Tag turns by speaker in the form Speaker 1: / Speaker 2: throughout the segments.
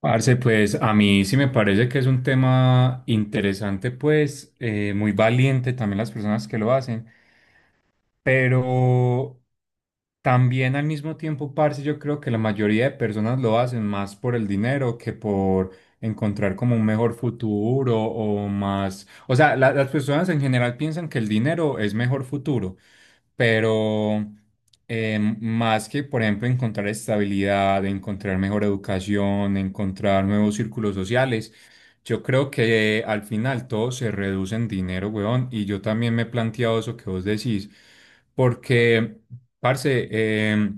Speaker 1: Parce, pues a mí sí me parece que es un tema interesante, pues muy valiente también las personas que lo hacen, pero también al mismo tiempo, parce, yo creo que la mayoría de personas lo hacen más por el dinero que por encontrar como un mejor futuro o más, o sea, las personas en general piensan que el dinero es mejor futuro, pero más que, por ejemplo, encontrar estabilidad, encontrar mejor educación, encontrar nuevos círculos sociales, yo creo que al final todo se reduce en dinero, weón, y yo también me he planteado eso que vos decís, porque, parce,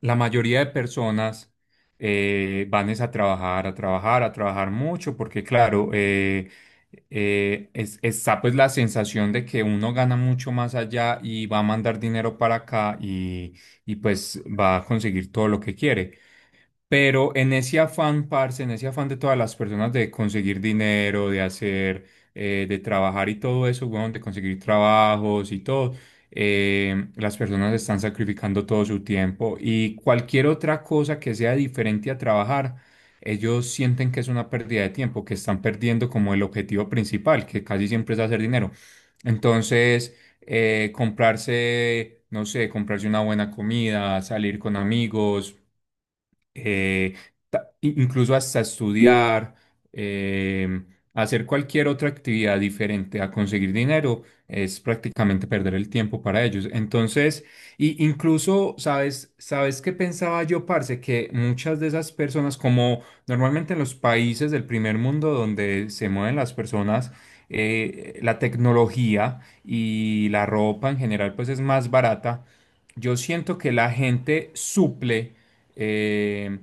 Speaker 1: la mayoría de personas van es a trabajar, a trabajar, a trabajar mucho, porque claro, está pues la sensación de que uno gana mucho más allá y va a mandar dinero para acá y pues va a conseguir todo lo que quiere. Pero en ese afán, parce, en ese afán de todas las personas de conseguir dinero, de hacer, de trabajar y todo eso, weón, de conseguir trabajos y todo, las personas están sacrificando todo su tiempo y cualquier otra cosa que sea diferente a trabajar. Ellos sienten que es una pérdida de tiempo, que están perdiendo como el objetivo principal, que casi siempre es hacer dinero. Entonces, comprarse, no sé, comprarse una buena comida, salir con amigos, eh, incluso hasta estudiar, eh, hacer cualquier otra actividad diferente a conseguir dinero, es prácticamente perder el tiempo para ellos. Entonces, y incluso, ¿sabes qué pensaba yo, parce? Que muchas de esas personas, como normalmente en los países del primer mundo donde se mueven las personas, la tecnología y la ropa en general, pues es más barata. Yo siento que la gente suple eh,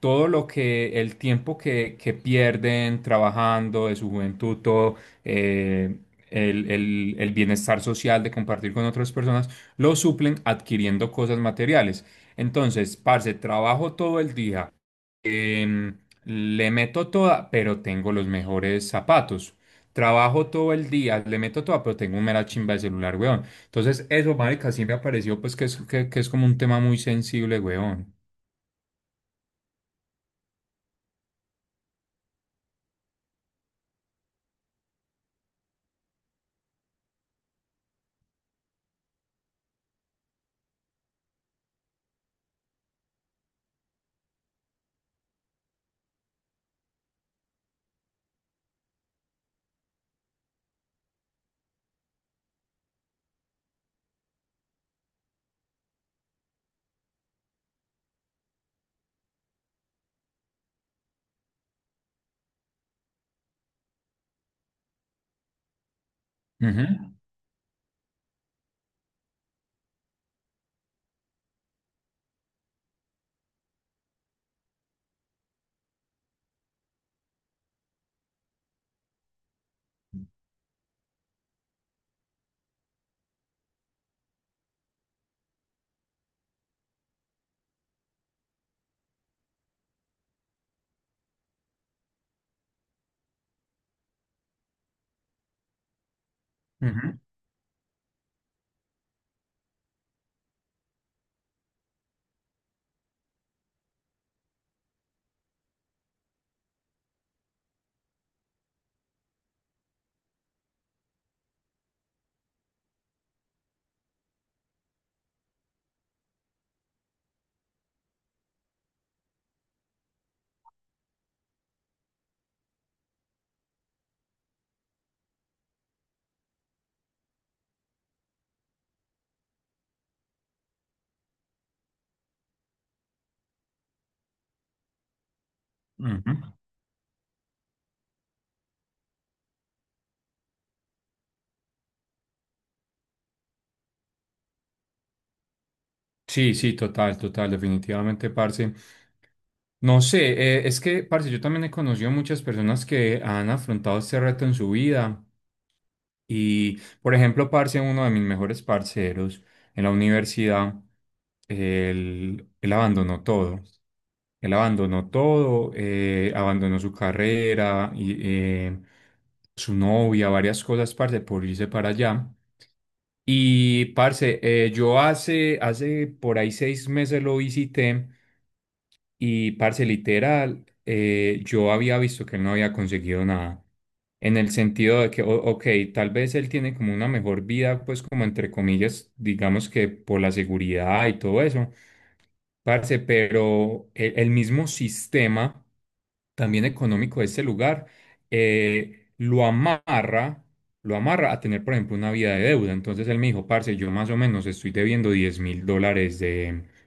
Speaker 1: todo lo que el tiempo que pierden trabajando de su juventud, todo eh, el bienestar social de compartir con otras personas, lo suplen adquiriendo cosas materiales. Entonces, parce, trabajo todo el día, em, le meto toda, pero tengo los mejores zapatos. Trabajo todo el día, le meto toda, pero tengo un mera chimba de celular, weón. Entonces, eso, marica, sí me pareció pues que es como un tema muy sensible, weón. Ujú, ujú, ujú. Sí, sí, total, total, definitivamente, parce. No sé, es que, parce, yo también he conocido muchas personas que han afrontado este reto en su vida. Y, por ejemplo, parce, uno de mis mejores parceros en la universidad, él abandonó todo. Él abandonó todo, abandonó su carrera, y, eh, su novia, varias cosas, parce, por irse para allá. Y parce, yo hace por ahí 6 meses lo visité y parce, literal, yo había visto que él no había conseguido nada. En el sentido de que, ok, tal vez él tiene como una mejor vida, pues como entre comillas, digamos que por la seguridad y todo eso, parce, pero el mismo sistema también económico de este lugar, eh, lo amarra, lo amarra a tener, por ejemplo, una vida de deuda. Entonces él me dijo, parce, yo más o menos estoy debiendo 10.000 dólares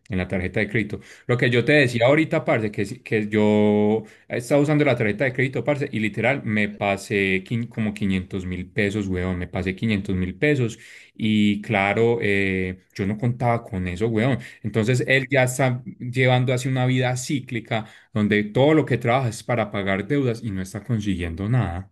Speaker 1: en la tarjeta de crédito. Lo que yo te decía ahorita, parce, que, que yo estaba usando la tarjeta de crédito, parce, y literal me pasé como 500.000 pesos, weón, me pasé 500.000 pesos. Y claro, yo no contaba con eso, weón. Entonces él ya está llevando así una vida cíclica donde todo lo que trabaja es para pagar deudas y no está consiguiendo nada.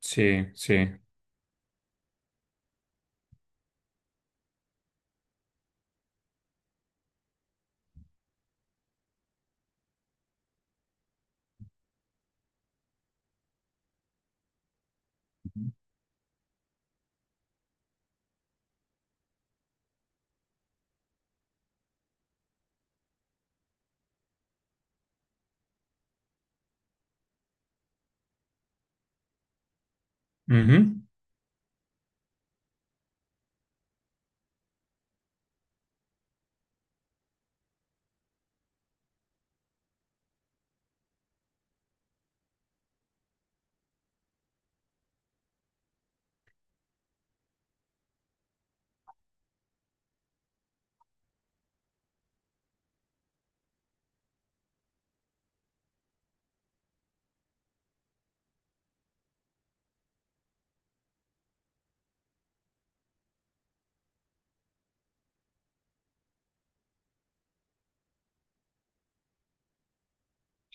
Speaker 1: Sí, sí. Ujú.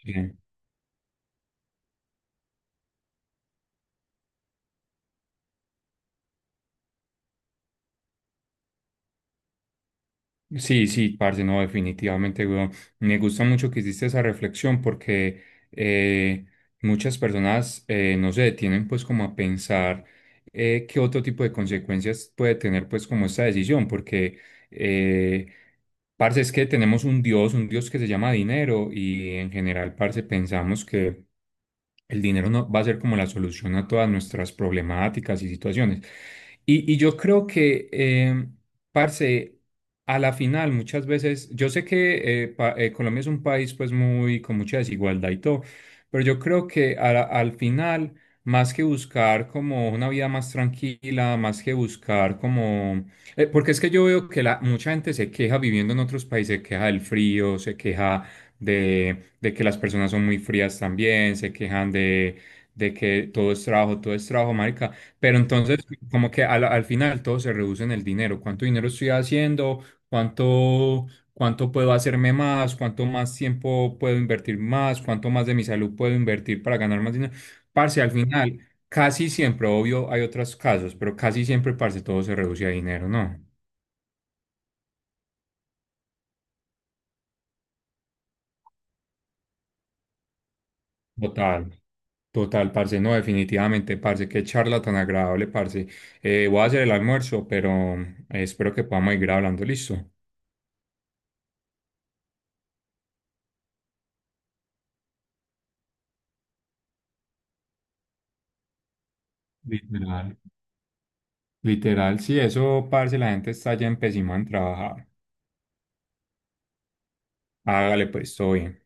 Speaker 1: Sí. Sí, sí, parce, no, definitivamente, weón. Me gusta mucho que hiciste esa reflexión porque eh, muchas personas no se detienen pues como a pensar qué otro tipo de consecuencias puede tener pues como esta decisión, porque eh, parce es que tenemos un Dios que se llama dinero y en general, parce, pensamos que el dinero no va a ser como la solución a todas nuestras problemáticas y situaciones. Y yo creo que, parce, a la final muchas veces, yo sé que Colombia es un país pues muy con mucha desigualdad y todo, pero yo creo que al final, más que buscar como una vida más tranquila, más que buscar como... porque es que yo veo que mucha gente se queja viviendo en otros países, se queja del frío, se queja de que las personas son muy frías también, se quejan de que todo es trabajo, marica. Pero entonces, como que al final todo se reduce en el dinero. ¿Cuánto dinero estoy haciendo? ¿Cuánto, cuánto puedo hacerme más? ¿Cuánto más tiempo puedo invertir más? ¿Cuánto más de mi salud puedo invertir para ganar más dinero? Parce, al final, casi siempre, obvio, hay otros casos, pero casi siempre, parce, todo se reduce a dinero, ¿no? Total. Total, parce, no, definitivamente, parce, qué charla tan agradable, parce. Voy a hacer el almuerzo, pero espero que podamos ir hablando, listo. Literal. Literal, sí, eso, parce, la gente está ya empezando en trabajar. Hágale, pues, todo bien.